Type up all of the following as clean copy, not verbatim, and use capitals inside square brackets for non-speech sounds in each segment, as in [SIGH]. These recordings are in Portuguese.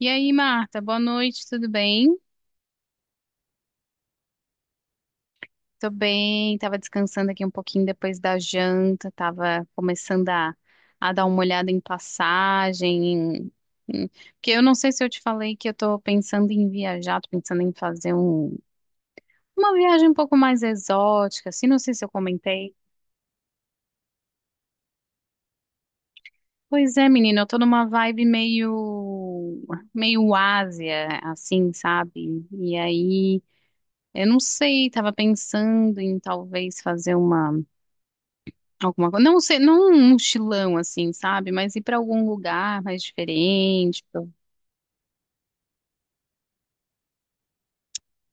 E aí, Marta, boa noite, tudo bem? Tô bem, tava descansando aqui um pouquinho depois da janta, tava começando a dar uma olhada em porque eu não sei se eu te falei que eu tô pensando em viajar, tô pensando em fazer uma viagem um pouco mais exótica, assim, não sei se eu comentei. Pois é, menina, eu tô numa meio Ásia, assim, sabe? E aí, eu não sei, tava pensando em talvez fazer uma alguma coisa. Não sei, não um mochilão assim, sabe? Mas ir para algum lugar mais diferente.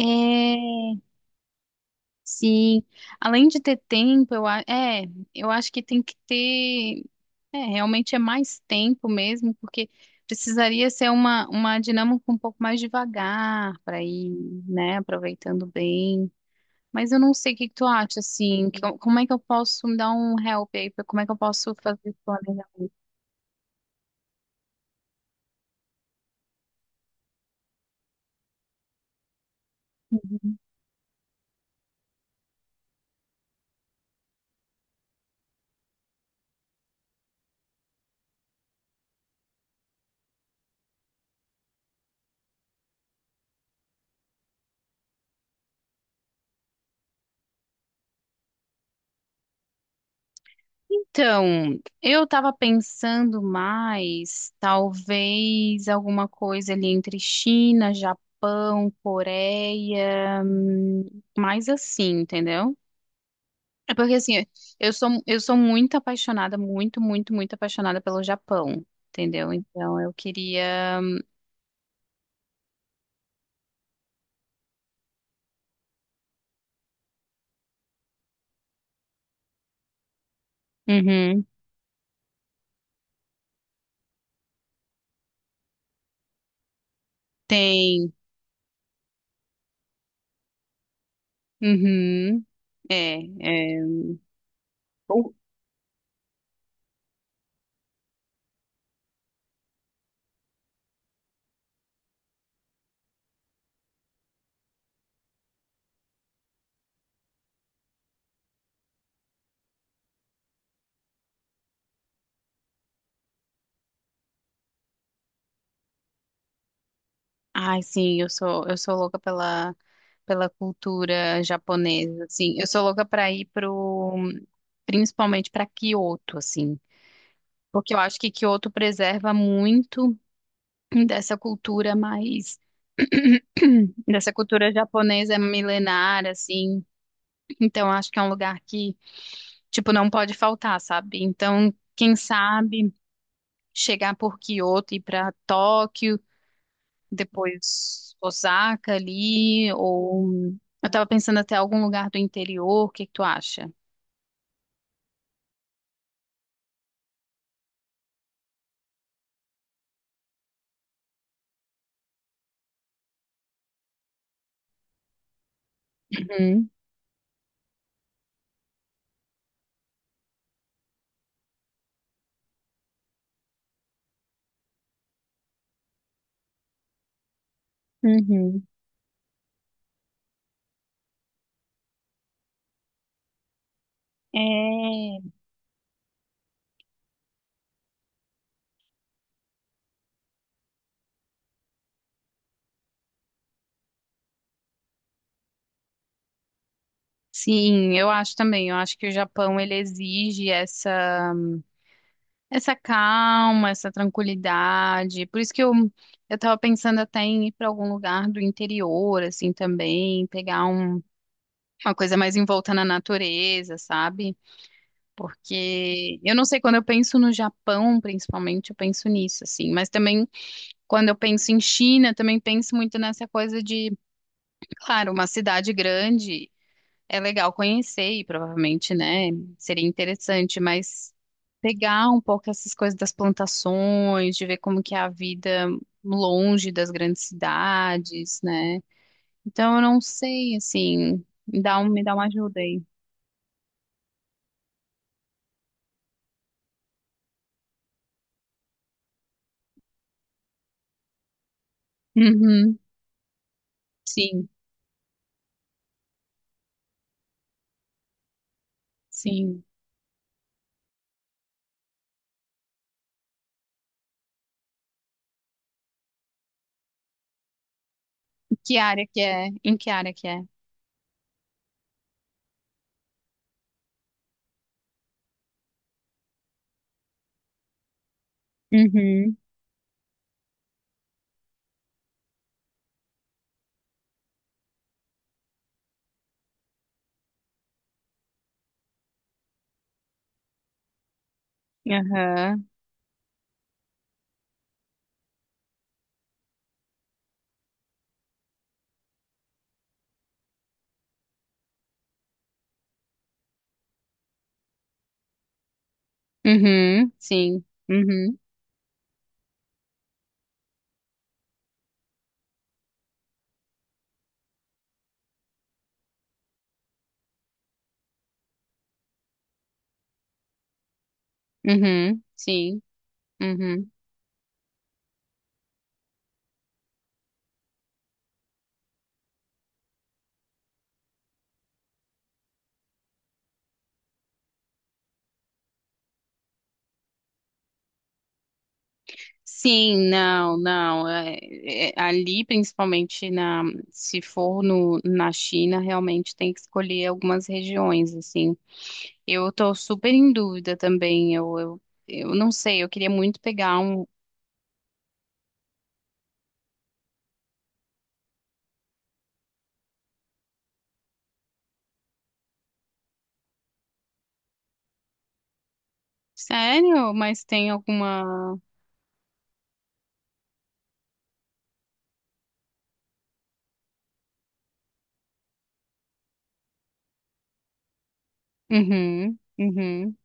É, sim. Além de ter tempo, eu acho que tem que ter. É, realmente é mais tempo mesmo, porque precisaria ser uma dinâmica um pouco mais devagar para ir, né? Aproveitando bem. Mas eu não sei o que que tu acha, assim. Como é que eu posso me dar um help aí? Como é que eu posso fazer planejar? Então, eu estava pensando mais, talvez alguma coisa ali entre China, Japão, Coreia, mais assim, entendeu? É porque assim, eu sou muito apaixonada, muito, muito, muito apaixonada pelo Japão, entendeu? Então, eu queria, uhum, tem, uhum, é, é. Ai, sim, eu sou louca pela, pela cultura japonesa, assim. Eu sou louca para ir pro, principalmente para Kyoto, assim, porque eu acho que Kyoto preserva muito dessa cultura mais [CLEARS THROAT] dessa cultura japonesa milenar, assim. Então, eu acho que é um lugar que, tipo, não pode faltar, sabe? Então, quem sabe chegar por Kyoto e ir para Tóquio depois Osaka ali, ou eu tava pensando até algum lugar do interior, o que que tu acha? Uhum, uhum. É, sim, eu acho também. Eu acho que o Japão ele exige essa essa calma, essa tranquilidade. Por isso que eu tava pensando até em ir para algum lugar do interior assim também, pegar uma coisa mais envolta na natureza, sabe? Porque eu não sei quando eu penso no Japão, principalmente, eu penso nisso assim, mas também quando eu penso em China, também penso muito nessa coisa de, claro, uma cidade grande é legal conhecer e provavelmente, né, seria interessante, mas pegar um pouco essas coisas das plantações, de ver como que é a vida longe das grandes cidades, né? Então eu não sei, assim, me dá me dá uma ajuda aí. Uhum, sim, sim. Que área que é? Em que área que é? Uhum, aham, uhum, sim, uhum. Uhum, sim, uhum. Sim, não, não. Ali, principalmente se for no, na China, realmente tem que escolher algumas regiões, assim. Eu tô super em dúvida também. Eu não sei, eu queria muito pegar um. Sério? Mas tem alguma. Uhum, uhum.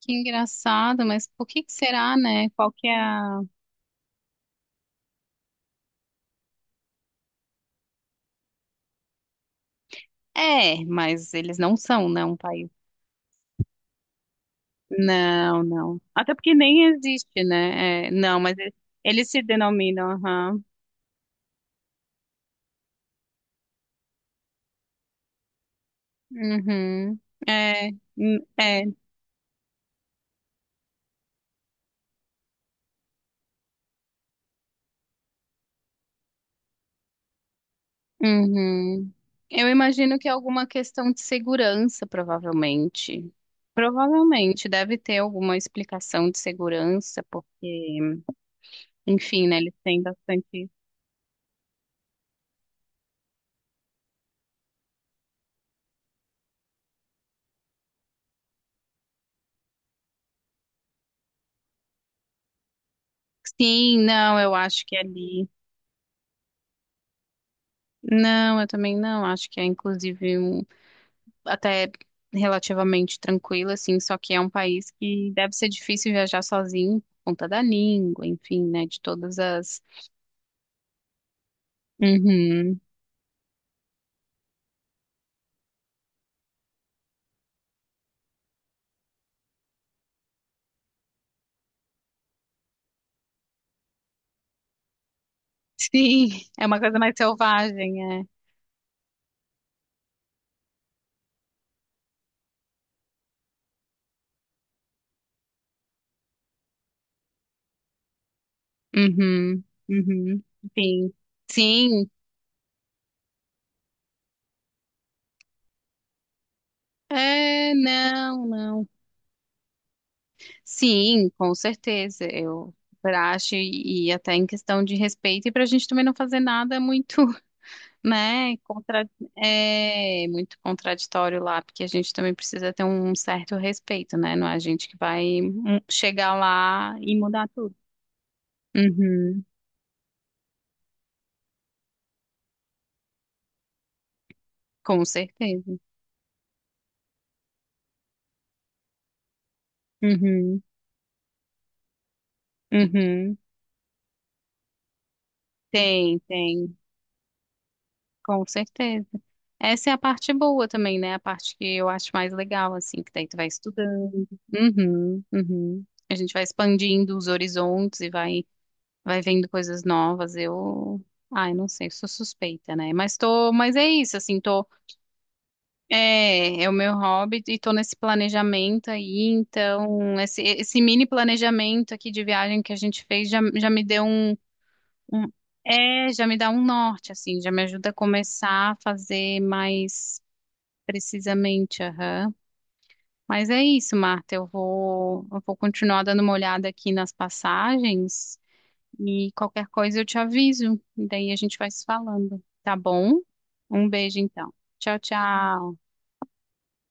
Que engraçado, mas por que que será, né? Qual que é a... É, mas eles não são, né, um país não, não. Até porque nem existe, né? É, não, mas eles se denominam, aham. Uhum. É, é, uhum. Eu imagino que é alguma questão de segurança, provavelmente. Provavelmente deve ter alguma explicação de segurança, porque, enfim, né, eles têm bastante. Sim, não, eu acho que é ali. Não, eu também não. Acho que é inclusive um. Até relativamente tranquila, assim, só que é um país que deve ser difícil viajar sozinho por conta da língua, enfim, né, de todas as... Uhum. [LAUGHS] Sim, é uma coisa mais selvagem, é. Uhum, uhum, sim, sim, é, não, não, sim, com certeza, eu super acho, e até em questão de respeito, e pra gente também não fazer nada muito. Né? Contra... É muito contraditório lá, porque a gente também precisa ter um certo respeito, né? Não é a gente que vai chegar lá e mudar tudo. Uhum, com certeza. Uhum, uhum. Tem, tem, com certeza. Essa é a parte boa também, né? A parte que eu acho mais legal, assim, que daí tu vai estudando. Uhum, uhum. A gente vai expandindo os horizontes e vai vendo coisas novas. Eu, ai, não sei, sou suspeita, né? Mas tô, mas é isso, assim, tô, é, é o meu hobby e tô nesse planejamento aí, então esse mini planejamento aqui de viagem que a gente fez já, já me deu um- é, já me dá um norte, assim, já me ajuda a começar a fazer mais precisamente, aham. Mas é isso, Marta. Eu vou continuar dando uma olhada aqui nas passagens. E qualquer coisa eu te aviso. E daí a gente vai se falando. Tá bom? Um beijo então. Tchau, tchau.